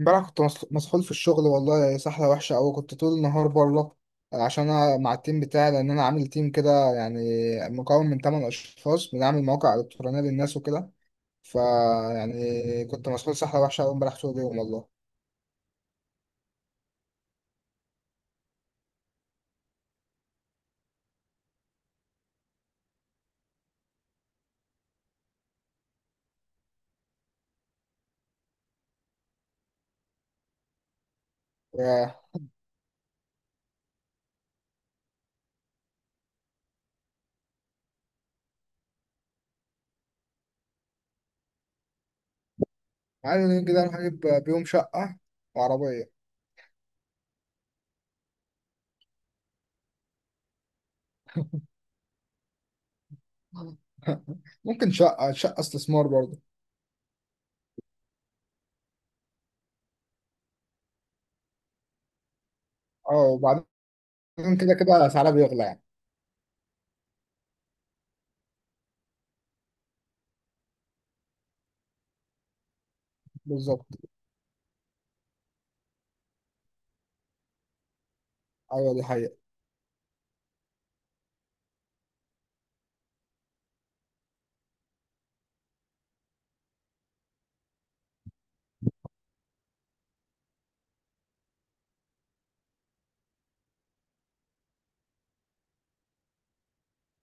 امبارح كنت مسحول في الشغل، والله سحلة وحشة أوي. كنت طول النهار بره عشان أنا مع التيم بتاعي، لأن أنا عامل تيم كده، يعني مكون من تمن أشخاص بنعمل مواقع إلكترونية للناس وكده. فيعني كنت مسحول سحلة وحشة أوي امبارح طول اليوم والله. ياه، عايز كده أروح أجيب بيهم شقة وعربية. ممكن شقة استثمار برضه. أه، وبعدين كده كده سعرها بيغلى يعني. بالظبط. أيوه دي حقيقة.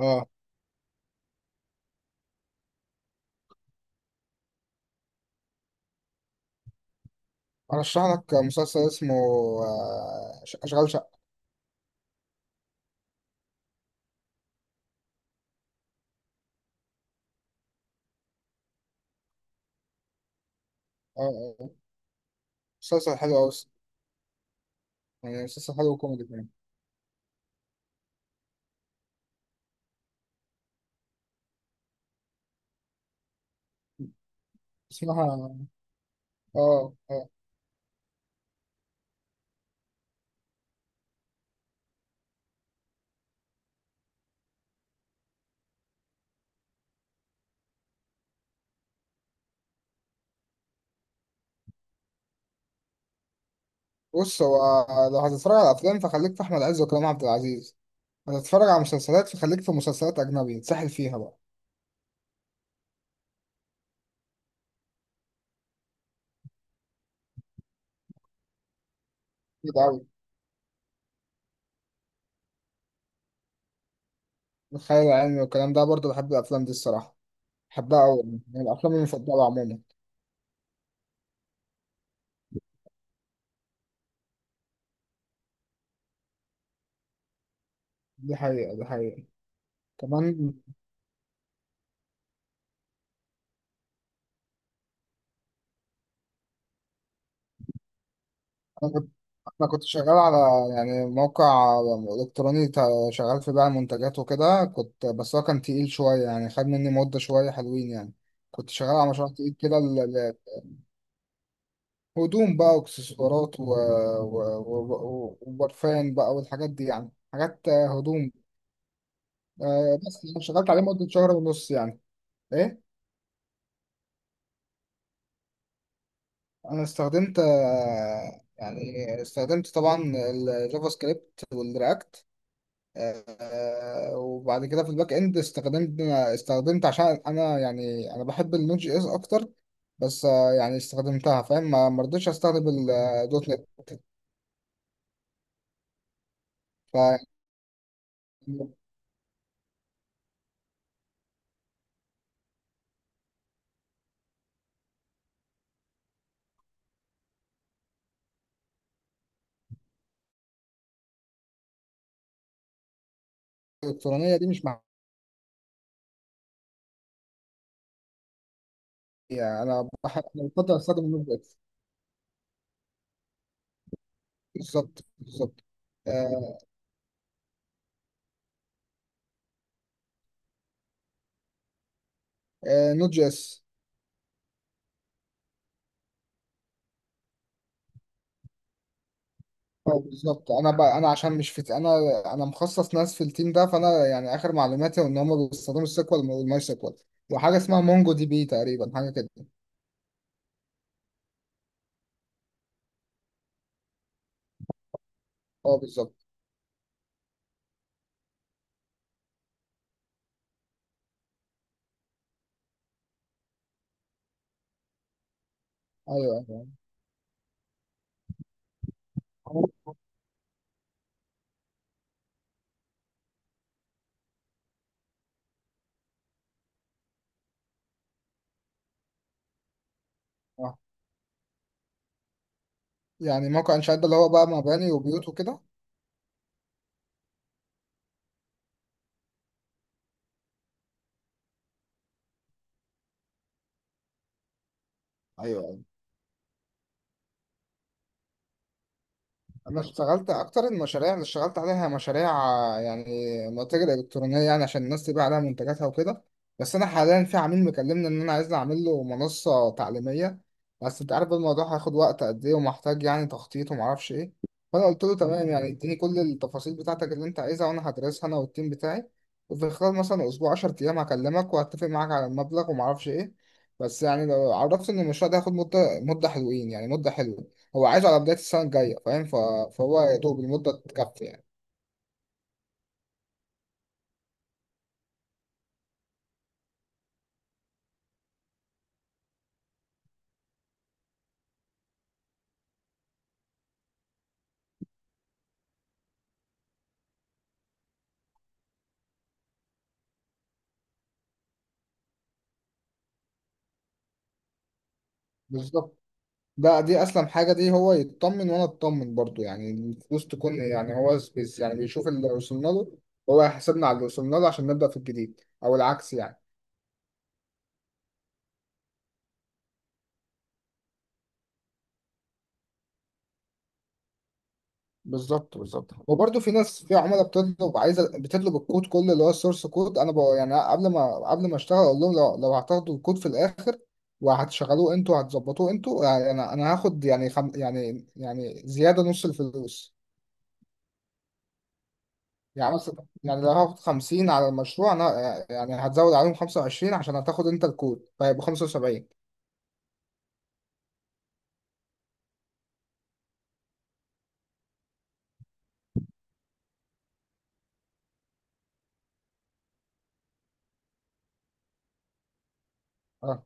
أه، أرشح لك مسلسل اسمه أشغال شقة. اه، آه. مسلسل حلو أوي الصراحة. يعني مسلسل حلو وكوميدي كمان. اسمها. اه اه. بص، هو لو هتتفرج على أفلام فخليك في أحمد عز وكريم عبد العزيز. هتتفرج على مسلسلات فخليك في مسلسلات أجنبي تسحل فيها بقى. كده أوي، الخيال العلمي والكلام ده برضه بحب الأفلام دي الصراحة. بحبها أوي، يعني من الأفلام المفضلة عموما. دي حقيقة دي حقيقة. كمان أنا، انا شغال على يعني موقع الكتروني، شغال في بيع منتجات وكده كنت، بس هو كان تقيل شويه، يعني خد مني مده شويه حلوين يعني. كنت شغال على مشروع تقيل كده هدوم بقى واكسسوارات وبرفان بقى والحاجات دي، يعني حاجات هدوم. بس أنا شغلت عليه مده شهر ونص يعني. ايه، انا استخدمت يعني استخدمت طبعا الجافا سكريبت والرياكت. وبعد كده في الباك اند استخدمت عشان انا، يعني انا بحب النوت جي اس اكتر. بس يعني استخدمتها فاهم، ما رضيتش استخدم الدوت نت. فالالكترونيه دي مش معايا. انا بحب، أنا بفضل استخدم النوت جي اس. بالظبط بالظبط. آه، نوت جي اس. اه بالظبط. انا عشان مش في مخصص ناس في التيم ده، فانا يعني اخر معلوماتي ان هم بيستخدموا السيكوال والماي سيكوال. وحاجه اسمها مونجو دي بي، تقريبا حاجه كده. اه بالظبط. ايوه ايوه. آه. يعني موقع انشاءات ده اللي هو بقى مباني وبيوت وكده. ايوه، انا اشتغلت اكتر المشاريع اللي اشتغلت عليها مشاريع يعني متاجر الكترونيه، يعني عشان الناس تبيع عليها منتجاتها وكده. بس انا حاليا في عميل مكلمني ان انا عايزني اعمل له منصه تعليميه. بس انت عارف الموضوع هياخد وقت قد ايه، ومحتاج يعني تخطيط ومعرفش ايه. فانا قلت له تمام، يعني اديني كل التفاصيل بتاعتك اللي انت عايزها، وانا هدرسها انا والتيم بتاعي. وفي خلال مثلا اسبوع، 10 ايام هكلمك وهتفق معاك على المبلغ ومعرفش ايه. بس يعني لو عرفت ان المشروع ده هياخد مده حلوين، يعني مده حلوه. هو عايزه على بداية السنة الجاية فاهم. فهو يا دوب المدة تكفي يعني. بالظبط. دي أسلم حاجة، دي هو يطمن وأنا أطمن برضو. يعني الفلوس تكون، يعني هو بس يعني بيشوف اللي وصلنا له، هو يحاسبنا على اللي وصلنا له عشان نبدأ في الجديد، أو العكس يعني. بالظبط بالظبط. وبرضه في ناس، في عملاء بتطلب، عايزه بتطلب الكود كله اللي هو السورس كود. انا بقى يعني قبل ما اشتغل اقول لهم، لو هتاخدوا الكود في الاخر وهتشغلوه انتوا وهتظبطوه انتوا، يعني انا هاخد يعني خم يعني يعني زياده نص الفلوس. يعني مثلا يعني لو هاخد 50 على المشروع انا، يعني هتزود عليهم 25 عشان هتاخد انت الكود، فيبقى 75. اه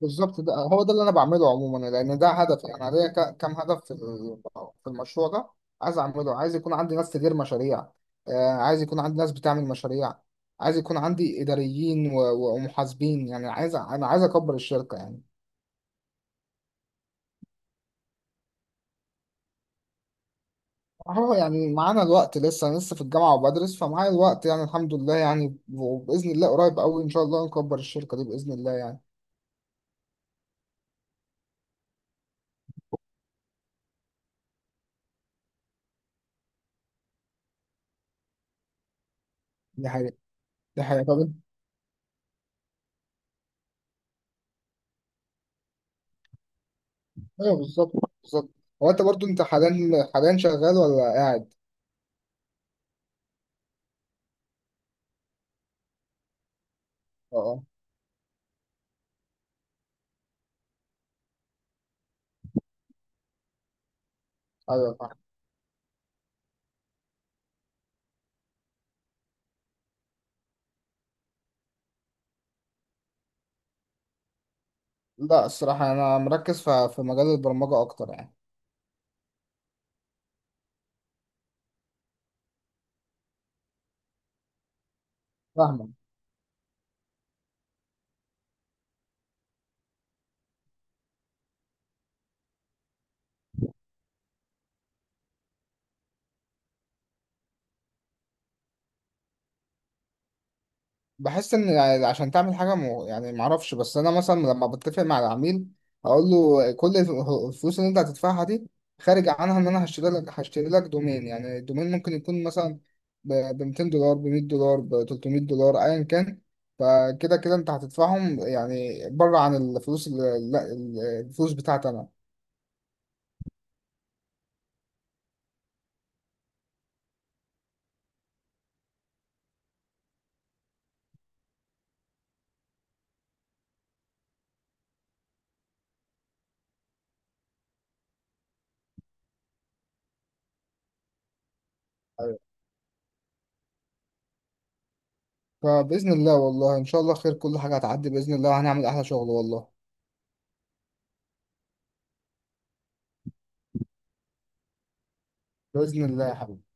بالظبط، ده هو ده اللي انا بعمله عموما لان ده هدف. يعني انا ليا كام هدف في في المشروع ده، عايز اعمله. عايز يكون عندي ناس تدير مشاريع. عايز يكون عندي ناس بتعمل مشاريع. عايز يكون عندي اداريين ومحاسبين، يعني عايز انا عايز اكبر الشركة يعني. اهو يعني معانا الوقت لسه، انا لسه في الجامعه وبدرس، فمعايا الوقت يعني الحمد لله يعني. وباذن الله قريب قوي ان شاء الله نكبر الشركه دي باذن الله يعني. دي حقيقه دي حقيقه. طب انت ايوه بالظبط. بالظبط. هو انت برضو انت حاليا، شغال ولا قاعد؟ اه اه، ايوه فاهم. لا الصراحه انا مركز في مجال البرمجه اكتر يعني. فاهمك. بحس ان يعني عشان تعمل حاجه مو، يعني معرفش. بس انا مثلا لما بتفق مع العميل اقول له كل الفلوس اللي انت هتدفعها دي خارج عنها، ان انا هشتري لك دومين. يعني الدومين ممكن يكون مثلا ب $200، ب $100، ب $300، ايا كان. فكده كده انت هتدفعهم يعني بره عن الفلوس، اللي، لا، الفلوس بتاعتي انا. أيوة. فباذن الله والله ان شاء الله خير، كل حاجه هتعدي باذن الله، وهنعمل احلى شغل والله. باذن الله يا حبيبي